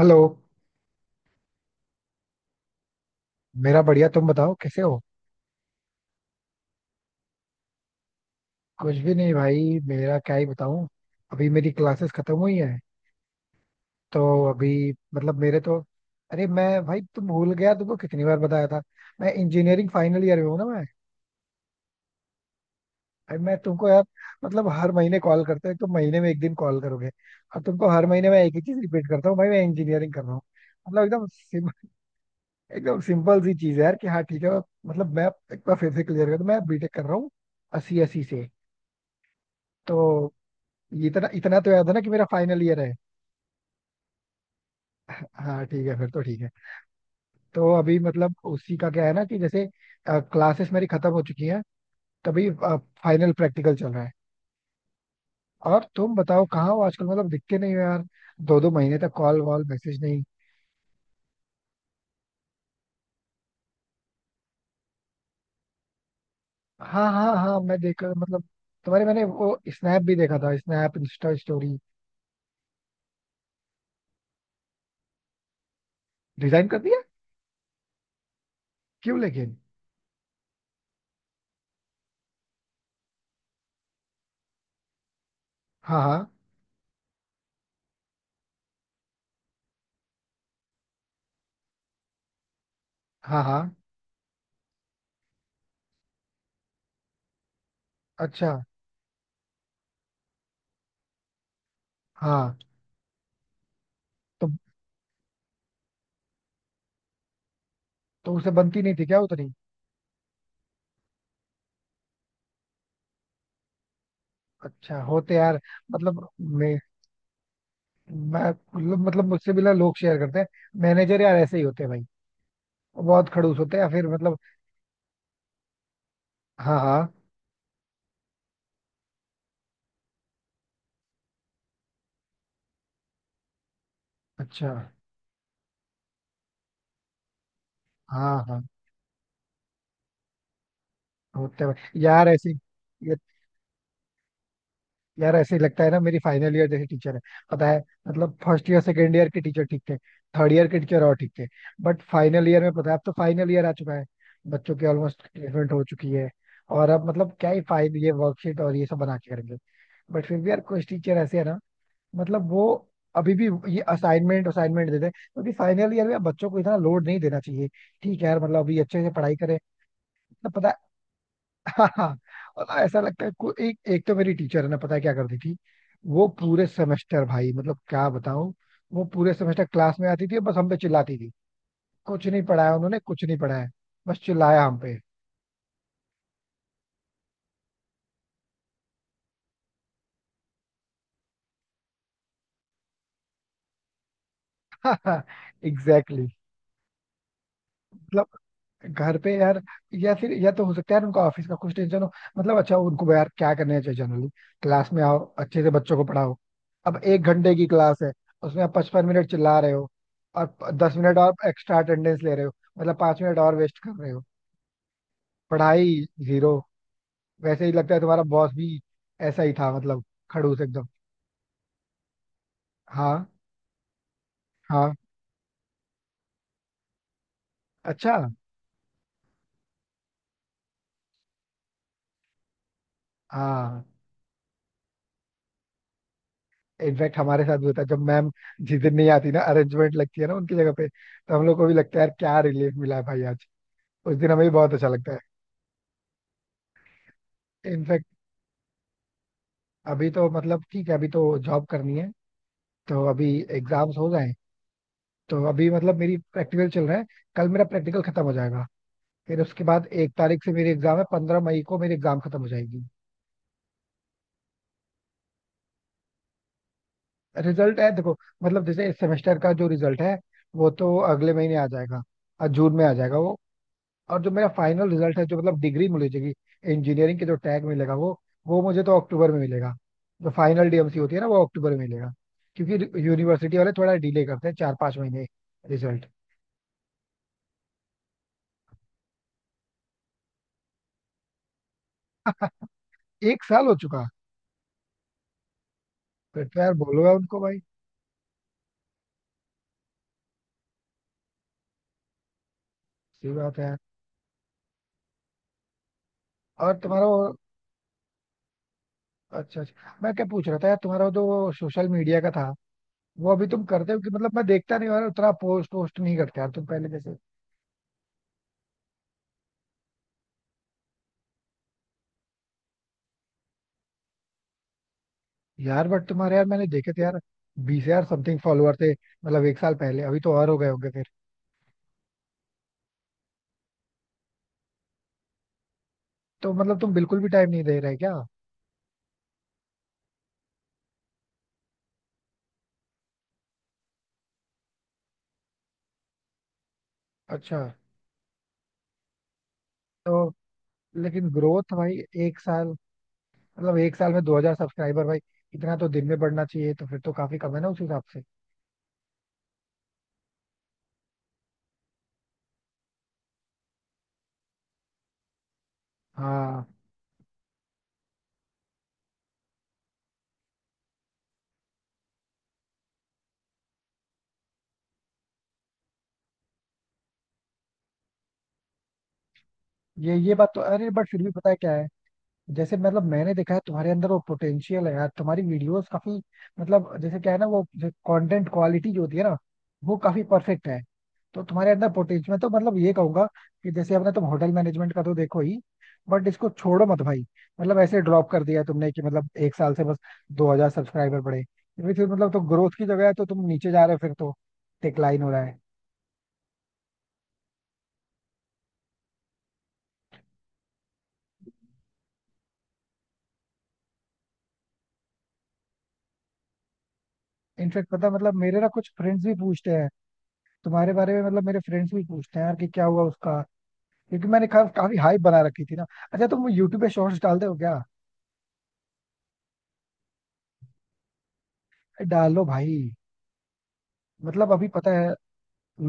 Hello. मेरा बढ़िया, तुम बताओ कैसे हो? कुछ भी नहीं भाई, मेरा क्या ही बताऊं। अभी मेरी क्लासेस खत्म हुई हैं तो अभी मतलब मेरे तो अरे मैं भाई तुम भूल गया, तुमको कितनी बार बताया था मैं इंजीनियरिंग फाइनल ईयर में हूँ ना मैं। भाई मैं तुमको यार मतलब हर महीने कॉल करते हो, तुम महीने में एक दिन कॉल करोगे और तुमको हर महीने मैं एक ही चीज रिपीट करता हूँ, भाई मैं इंजीनियरिंग कर रहा हूँ। मतलब एकदम सिंपल सी चीज है यार कि हाँ ठीक है। मतलब मैं एक बार फिर से क्लियर कर दूं, मैं बीटेक कर रहा हूँ अस्सी अस्सी से। तो ये इतना इतना तो याद है ना कि मेरा फाइनल ईयर है। हाँ ठीक है, फिर तो ठीक है। तो अभी मतलब उसी का क्या है ना कि जैसे क्लासेस मेरी खत्म हो चुकी हैं, तभी फाइनल प्रैक्टिकल चल रहा है। और तुम बताओ, कहाँ हो आजकल? मतलब दिखते नहीं हो यार, दो दो महीने तक कॉल वॉल मैसेज नहीं। हाँ हाँ हाँ, मैं देखा मतलब तुम्हारे मैंने वो स्नैप भी देखा था, स्नैप इंस्टा स्टोरी। डिजाइन कर दिया? क्यों लेकिन? हाँ हाँ हाँ हाँ, अच्छा। हाँ। तो तो उसे बनती नहीं थी क्या उतनी? अच्छा होते यार। मतलब मे मैं मतलब मतलब मुझसे मिला लोग शेयर करते हैं। मैनेजर यार ऐसे ही होते हैं भाई, बहुत खड़ूस होते हैं, या फिर मतलब हाँ हाँ, अच्छा, हाँ हाँ होते हैं भाई। यार ऐसे ये- यार ऐसे ही लगता है ना। मेरी फाइनल ईयर जैसे टीचर है, पता है मतलब फर्स्ट ईयर सेकेंड ईयर के टीचर ठीक थे, थर्ड ईयर के टीचर और ठीक थे, बट फाइनल ईयर में पता है अब तो फाइनल ईयर आ चुका है, बच्चों की ऑलमोस्ट प्लेसमेंट हो चुकी है और अब मतलब क्या ही फाइनल ये वर्कशीट और ये सब बना के करेंगे। बट फिर भी यार कुछ टीचर ऐसे है ना, मतलब वो अभी भी ये असाइनमेंट असाइनमेंट देते हैं, क्योंकि फाइनल ईयर में अब बच्चों को इतना लोड नहीं देना चाहिए। ठीक है यार मतलब अभी अच्छे से पढ़ाई करें। ना पता है। हाँ हाँ। मतलब ऐसा लगता है एक एक तो मेरी टीचर है ना, पता है क्या करती थी? वो पूरे सेमेस्टर भाई मतलब क्या बताऊं, वो पूरे सेमेस्टर क्लास में आती थी और बस हम पे चिल्लाती थी। कुछ नहीं पढ़ाया उन्होंने, कुछ नहीं पढ़ाया। बस चिल्लाया हम पे। एग्जैक्टली। exactly. मतलब घर पे यार, या फिर या तो हो सकता है यार उनको ऑफिस का कुछ टेंशन हो। मतलब अच्छा उनको यार क्या करना चाहिए जनरली? क्लास में आओ, अच्छे से बच्चों को पढ़ाओ। अब 1 घंटे की क्लास है, उसमें आप 55 मिनट चिल्ला रहे हो और 10 मिनट और एक्स्ट्रा अटेंडेंस ले रहे हो, मतलब 5 मिनट और वेस्ट कर रहे हो। पढ़ाई जीरो। वैसे ही लगता है तुम्हारा बॉस भी ऐसा ही था, मतलब खड़ूस एकदम। हाँ हाँ, अच्छा। हाँ, इनफैक्ट हमारे साथ भी होता है, जब मैम जिस दिन नहीं आती ना, अरेंजमेंट लगती है ना उनकी जगह पे, तो हम लोग को भी लगता है यार क्या रिलीफ मिला है भाई आज। उस दिन हमें भी बहुत अच्छा लगता है। इनफैक्ट अभी तो मतलब ठीक है, अभी तो जॉब करनी है, तो अभी एग्जाम्स हो जाए। तो अभी मतलब मेरी प्रैक्टिकल चल रहा है, कल मेरा प्रैक्टिकल खत्म हो जाएगा, फिर उसके बाद 1 तारीख से मेरी एग्जाम है, 15 मई को मेरी एग्जाम खत्म हो जाएगी। रिजल्ट है, देखो मतलब जैसे इस सेमेस्टर का जो रिजल्ट है, वो तो अगले महीने आ जाएगा और जून में आ जाएगा वो। और जो मेरा फाइनल रिजल्ट है, जो मतलब डिग्री मिलेगी, इंजीनियरिंग के जो टैग मिलेगा वो मुझे तो अक्टूबर में मिलेगा। जो फाइनल डीएमसी होती है ना, वो अक्टूबर में मिलेगा, क्योंकि यूनिवर्सिटी वाले थोड़ा डिले करते हैं, 4-5 महीने रिजल्ट। एक साल हो चुका, फिर तो यार बोलो यार उनको भाई। सही बात है यार। और तुम्हारा अच्छा अच्छा, मैं क्या पूछ रहा था यार, तुम्हारा वो जो सोशल मीडिया का था, वो अभी तुम करते हो कि मतलब मैं देखता नहीं हूँ यार, उतना पोस्ट वोस्ट नहीं करते यार तुम पहले जैसे। यार बट तुम्हारे यार मैंने देखे थे यार, 20 यार समथिंग फॉलोअर थे मतलब एक साल पहले, अभी तो और हो गए होंगे फिर। तो मतलब तुम बिल्कुल भी टाइम नहीं दे रहे क्या? अच्छा। तो लेकिन ग्रोथ भाई, एक साल, मतलब एक साल में 2000 सब्सक्राइबर भाई, इतना तो दिन में बढ़ना चाहिए। तो फिर तो काफी कम है ना उस हिसाब से। हाँ ये बात तो, अरे बट फिर भी पता है क्या है? जैसे मतलब मैंने देखा है तुम्हारे अंदर वो पोटेंशियल है यार, तुम्हारी वीडियोस काफी मतलब, जैसे क्या है ना वो कंटेंट क्वालिटी जो होती है ना, वो काफी परफेक्ट है। तो तुम्हारे अंदर पोटेंशियल, मैं तो मतलब ये कहूंगा कि जैसे अपने तुम होटल मैनेजमेंट का तो देखो ही, बट इसको छोड़ो मत भाई। मतलब ऐसे ड्रॉप कर दिया तुमने कि मतलब एक साल से बस 2000 सब्सक्राइबर बढ़े। फिर मतलब तो ग्रोथ की जगह है तो तुम नीचे जा रहे हो, फिर तो डिक्लाइन हो रहा है। इनफेक्ट पता है, मतलब मेरे ना कुछ फ्रेंड्स भी पूछते हैं तुम्हारे बारे में, मतलब मेरे फ्रेंड्स भी पूछते हैं यार कि क्या हुआ उसका, क्योंकि काफी हाइप बना रखी थी ना। अच्छा तुम यूट्यूब पे शॉर्ट्स डालते हो क्या? डालो भाई, मतलब अभी पता है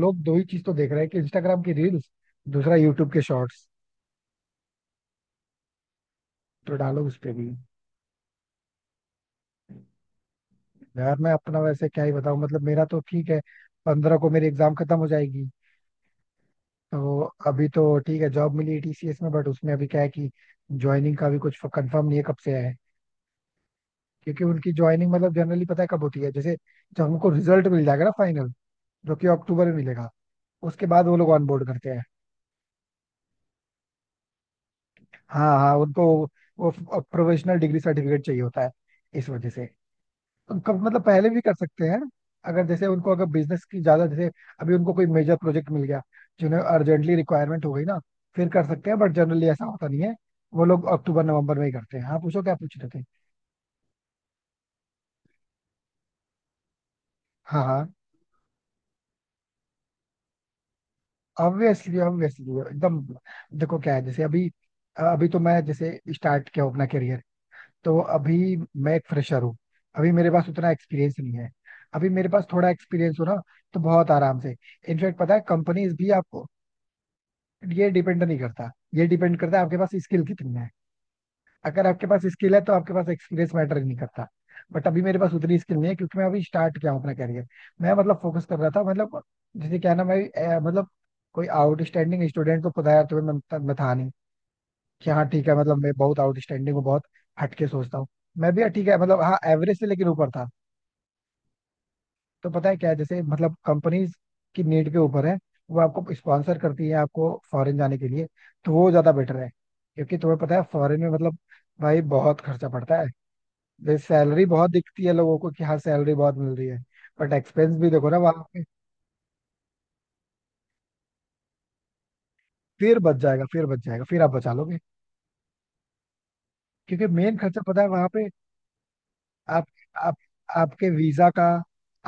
लोग दो ही चीज तो देख रहे हैं कि इंस्टाग्राम की रील्स, दूसरा यूट्यूब के शॉर्ट्स, तो डालो उस पे भी। यार मैं अपना वैसे क्या ही बताऊं, मतलब मेरा तो ठीक है। 15 को मेरी एग्जाम खत्म हो जाएगी। तो अभी तो ठीक है, जॉब मिली टीसीएस में, बट उसमें अभी क्या है कि ज्वाइनिंग का भी कुछ कंफर्म नहीं है कब से है, क्योंकि उनकी ज्वाइनिंग मतलब जनरली पता है कब होती है, जैसे जब हमको रिजल्ट मिल जाएगा ना फाइनल, जो कि अक्टूबर में मिलेगा, उसके बाद वो लोग ऑनबोर्ड करते हैं। हाँ हाँ, उनको वो प्रोफेशनल डिग्री सर्टिफिकेट चाहिए होता है, इस वजह से। हम कब मतलब पहले भी कर सकते हैं, अगर जैसे उनको अगर बिजनेस की ज्यादा जैसे, अभी उनको कोई मेजर प्रोजेक्ट मिल गया जिन्हें अर्जेंटली रिक्वायरमेंट हो गई ना, फिर कर सकते हैं, बट जनरली ऐसा होता नहीं है। वो लोग अक्टूबर नवंबर में ही करते हैं। हाँ पूछो क्या पूछ रहे थे। हाँ हाँ, ऑब्वियसली ऑब्वियसली एकदम। देखो क्या है, जैसे अभी, अभी तो मैं जैसे स्टार्ट किया हूं अपना करियर, तो अभी मैं एक फ्रेशर हूँ, अभी मेरे पास उतना एक्सपीरियंस नहीं है। अभी मेरे पास थोड़ा एक्सपीरियंस हो ना, तो बहुत आराम से, इनफैक्ट पता है कंपनीज भी आप, ये डिपेंड नहीं करता, ये डिपेंड करता है आपके पास स्किल कितनी है। अगर आपके पास स्किल है तो आपके पास एक्सपीरियंस मैटर ही नहीं करता। बट अभी मेरे पास उतनी स्किल नहीं है, क्योंकि मैं अभी स्टार्ट किया हूँ अपना करियर। मैं मतलब फोकस कर रहा था मतलब, जैसे क्या ना मैं मतलब कोई आउटस्टैंडिंग स्टूडेंट को पता है, तो मैं था नहीं कि हाँ ठीक है, मतलब मैं बहुत आउटस्टैंडिंग हूँ, बहुत हटके सोचता हूँ। मैं भी हाँ, ठीक है, मतलब हाँ एवरेज से लेकिन ऊपर था। तो पता है क्या है, जैसे मतलब कंपनीज की नीड के ऊपर है, वो आपको स्पॉन्सर करती है आपको फॉरेन जाने के लिए। तो वो ज्यादा बेटर है, क्योंकि तुम्हें पता है फॉरेन में मतलब भाई बहुत खर्चा पड़ता है। जैसे सैलरी बहुत दिखती है लोगों को कि हाँ सैलरी बहुत मिल रही है, बट एक्सपेंस भी देखो ना वहां पे, फिर बच जाएगा, फिर बच जाएगा, फिर आप बचा लोगे, क्योंकि मेन खर्चा पता है वहां पे आप आप आपके वीजा का,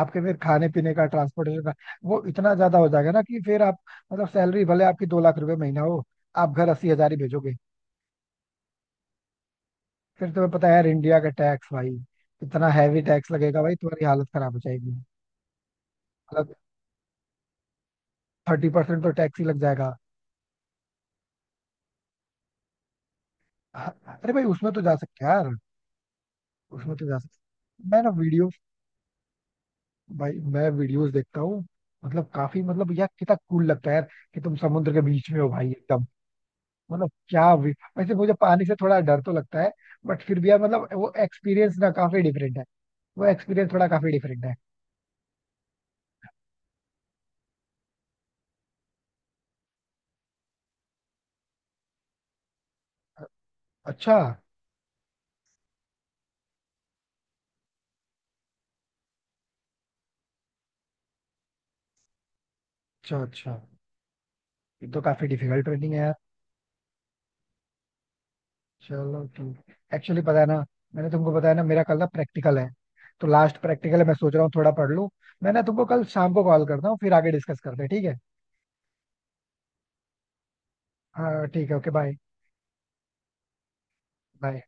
आपके फिर खाने पीने का, ट्रांसपोर्टेशन का, वो इतना ज्यादा हो जाएगा ना कि फिर आप, मतलब सैलरी भले आपकी 2 लाख रुपए महीना हो, आप घर 80 हजार ही भेजोगे। फिर तुम्हें पता है यार इंडिया का टैक्स भाई, इतना हैवी टैक्स लगेगा भाई, तुम्हारी हालत खराब हो जाएगी। मतलब 30% तो टैक्स ही लग जाएगा। हाँ, अरे भाई उसमें तो जा सकते हैं यार, उसमें तो जा सकते हैं। मैं ना वीडियोस भाई मैं वीडियोस देखता हूँ मतलब काफी, मतलब यार कितना कूल लगता है यार कि तुम समुद्र के बीच में हो भाई। मतलब क्या भी, वैसे मुझे पानी से थोड़ा डर तो लगता है, बट फिर भी यार मतलब वो एक्सपीरियंस ना काफी डिफरेंट है, वो एक्सपीरियंस थोड़ा काफी डिफरेंट है। अच्छा अच्छा अच्छा। ये तो काफी डिफिकल्ट ट्रेनिंग है यार। चलो ठीक, एक्चुअली पता है ना, मैंने तुमको बताया ना मेरा कल ना प्रैक्टिकल है, तो लास्ट प्रैक्टिकल है, मैं सोच रहा हूँ थोड़ा पढ़ लूँ। मैं ना तुमको कल शाम को कॉल करता हूँ, फिर आगे डिस्कस करते हैं, ठीक है? हाँ ठीक है, ओके बाय। बाय।